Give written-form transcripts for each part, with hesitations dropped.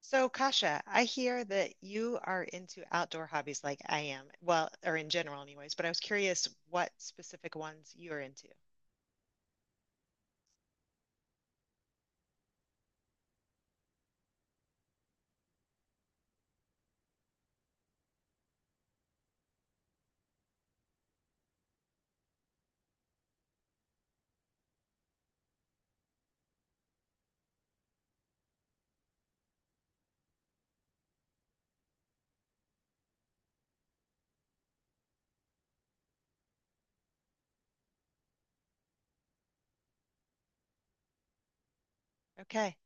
So, Kasha, I hear that you are into outdoor hobbies like I am. Well, or in general, anyways, but I was curious what specific ones you're into. Okay.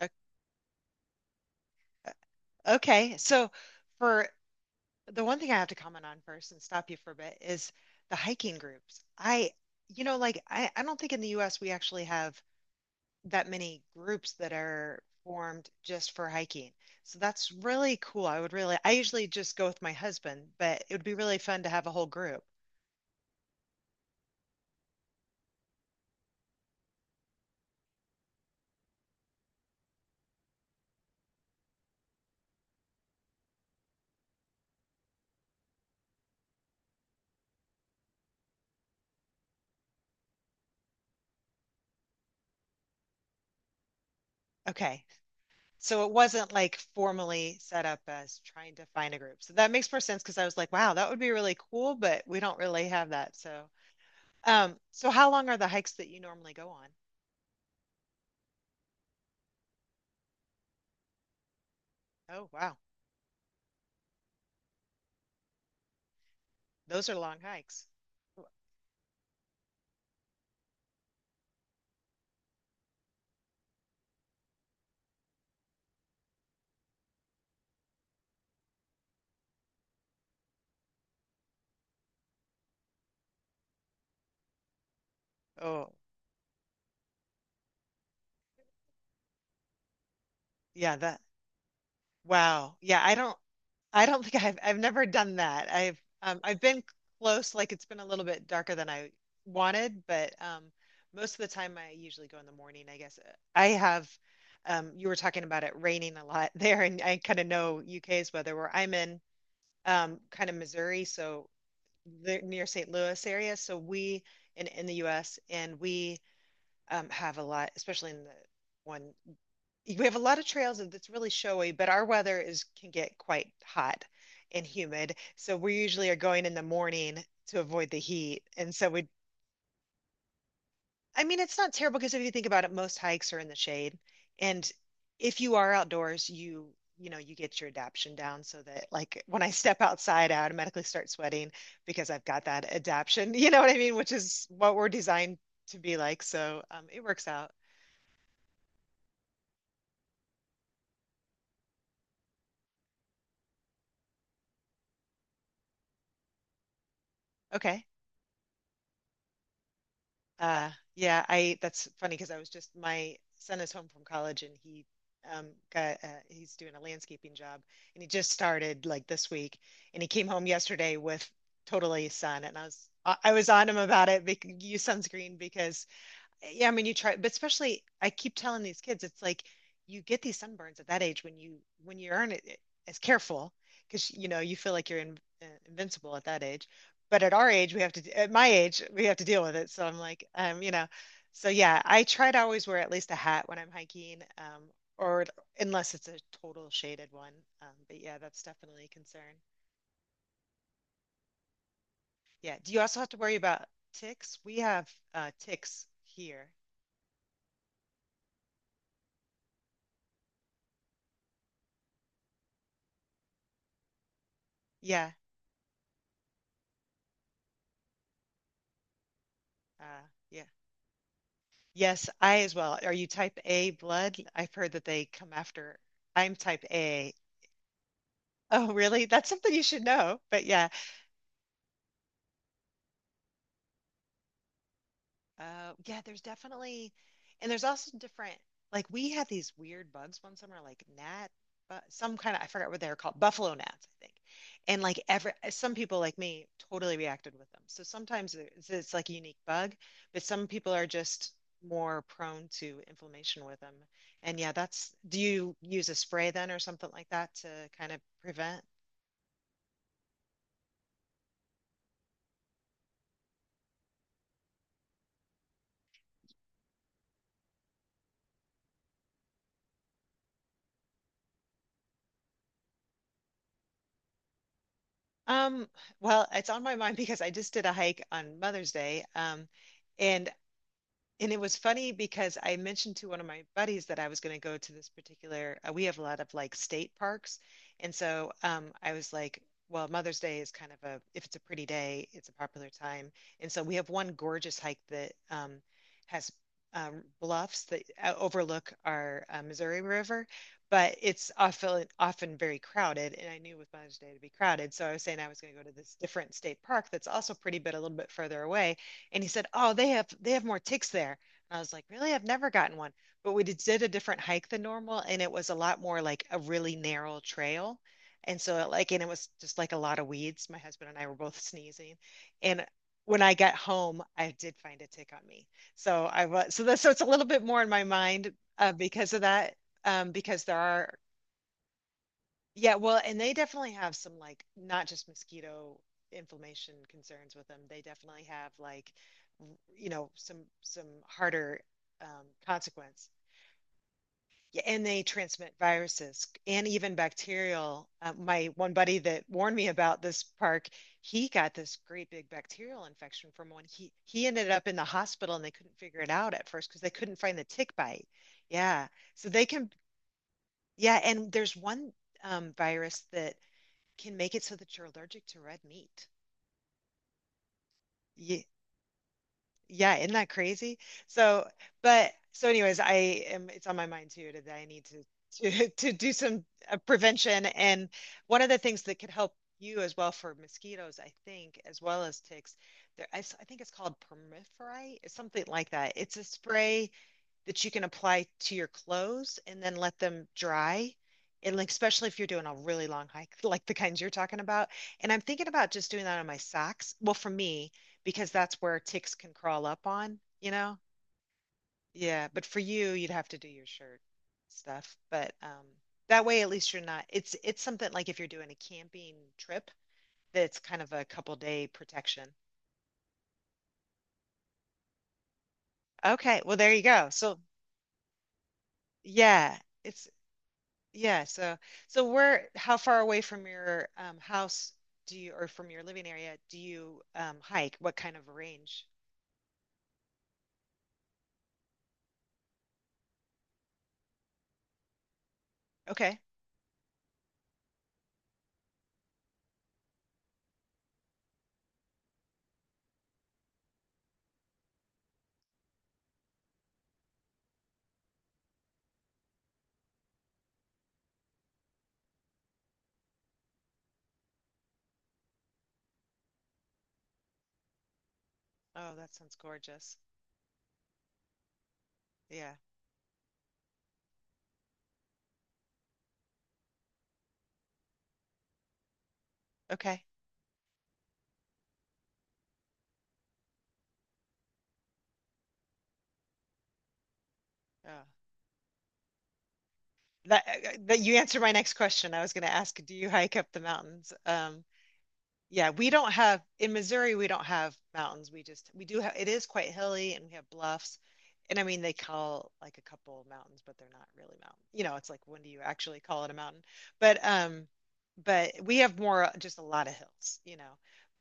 O- uh, Okay. So, for the one thing I have to comment on first and stop you for a bit is the hiking groups. I, you know, like I don't think in the US we actually have that many groups that are formed just for hiking. So that's really cool. I would really, I usually just go with my husband, but it would be really fun to have a whole group. Okay. So it wasn't like formally set up as trying to find a group. So that makes more sense because I was like, wow, that would be really cool, but we don't really have that. So, so how long are the hikes that you normally go on? Oh, wow. Those are long hikes. Oh, yeah, that. Wow. Yeah. I don't think I've never done that. I've been close, like it's been a little bit darker than I wanted, but most of the time I usually go in the morning, I guess. I have you were talking about it raining a lot there and I kind of know UK's weather where I'm in kind of Missouri, so the near St. Louis area, so we in the US and we have a lot, especially in the one we have a lot of trails and it's really showy, but our weather is can get quite hot and humid. So we usually are going in the morning to avoid the heat. And I mean, it's not terrible because if you think about it, most hikes are in the shade. And if you are outdoors, you know, you get your adaption down so that like when I step outside, I automatically start sweating because I've got that adaption, you know what I mean? Which is what we're designed to be like. So it works out. Okay. Yeah, I that's funny because I was just my son is home from college and he um got he's doing a landscaping job and he just started like this week and he came home yesterday with totally sun and I was on him about it bec use sunscreen because yeah, I mean, you try, but especially I keep telling these kids, it's like you get these sunburns at that age when you aren't as careful because you know you feel like you're in, invincible at that age. But at our age, we have to, at my age, we have to deal with it. So I'm like, you know, so yeah, I try to always wear at least a hat when I'm hiking, or unless it's a total shaded one. But yeah, that's definitely a concern. Yeah. Do you also have to worry about ticks? We have ticks here. Yeah. Uh, yeah. Yes, I as well. Are you type A blood? I've heard that they come after. I'm type A. Oh, really? That's something you should know. But yeah. Yeah, there's definitely, and there's also different. Like we had these weird bugs one summer, like gnat, but some kind of I forgot what they were called, buffalo gnats, I think. And like every some people like me totally reacted with them. So sometimes it's like a unique bug, but some people are just more prone to inflammation with them. And yeah, that's do you use a spray then or something like that to kind of prevent? Um, well, it's on my mind because I just did a hike on Mother's Day. And and it was funny because I mentioned to one of my buddies that I was going to go to this particular, we have a lot of like state parks. And I was like, well, Mother's Day is kind of a, if it's a pretty day, it's a popular time. And so we have one gorgeous hike that has bluffs that overlook our Missouri River, but it's often very crowded. And I knew with Mother's Day to be crowded. So I was saying I was going to go to this different state park that's also pretty, but a little bit further away and he said, "Oh, they have more ticks there." And I was like, "Really? I've never gotten one." But we did a different hike than normal, and it was a lot more like a really narrow trail. And so it, like, and it was just like a lot of weeds. My husband and I were both sneezing, and when I got home, I did find a tick on me. So I was so that so it's a little bit more in my mind because of that, because there are yeah, well, and they definitely have some like not just mosquito inflammation concerns with them. They definitely have like r- you know some harder consequence. Yeah, and they transmit viruses and even bacterial. My one buddy that warned me about this park, he got this great big bacterial infection from one. He ended up in the hospital and they couldn't figure it out at first because they couldn't find the tick bite. Yeah, so they can. Yeah, and there's one virus that can make it so that you're allergic to red meat. Yeah, yeah, isn't that crazy? So, but so anyways, I am it's on my mind too that I need to to do some prevention and one of the things that could help you as well for mosquitoes, I think, as well as ticks, I think it's called permiferi, it's something like that. It's a spray that you can apply to your clothes and then let them dry. And like, especially if you're doing a really long hike, like the kinds you're talking about. And I'm thinking about just doing that on my socks. Well, for me, because that's where ticks can crawl up on, you know? Yeah. But for you, you'd have to do your shirt stuff. But that way, at least you're not, it's something like if you're doing a camping trip, that's kind of a couple day protection. Okay. Well, there you go. So yeah, it's, Yeah, so so where how far away from your house do you or from your living area do you hike? What kind of range? Okay. Oh, that sounds gorgeous. Yeah. Okay. Oh. That, that you answered my next question. I was going to ask, do you hike up the mountains? Yeah, we don't have in Missouri, we don't have mountains. We do have it is quite hilly and we have bluffs. And I mean they call like a couple of mountains, but they're not really mountains. You know, it's like when do you actually call it a mountain? But um but we have more just a lot of hills, you know.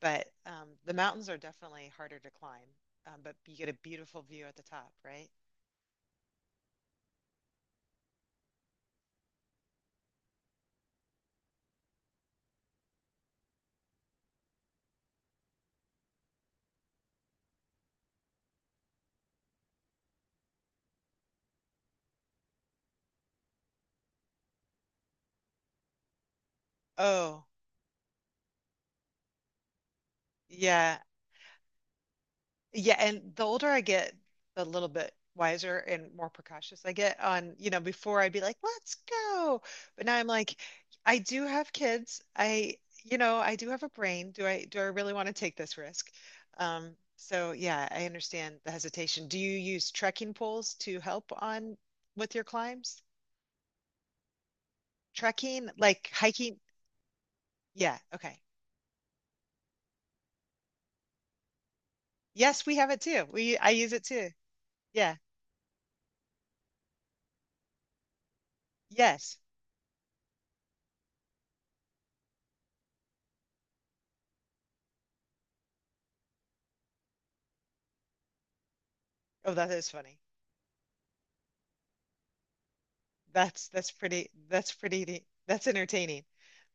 But the mountains are definitely harder to climb. But you get a beautiful view at the top, right? Oh, yeah. Yeah, and the older I get, the little bit wiser and more precautious I get on, you know, before I'd be like, let's go. But now I'm like, I do have kids. I, you know, I do have a brain. Do I really want to take this risk? So yeah, I understand the hesitation. Do you use trekking poles to help on with your climbs? Trekking, like hiking? Yeah, okay. Yes, we have it too. We I use it too. Yeah. Yes. Oh, that is funny. That's pretty. That's entertaining.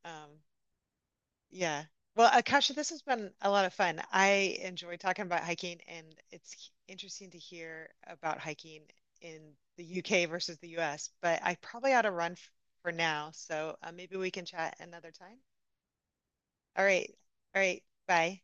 Um, yeah. Well, Akasha, this has been a lot of fun. I enjoy talking about hiking, and it's interesting to hear about hiking in the UK versus the US, but I probably ought to run f for now, so maybe we can chat another time. All right. All right. Bye.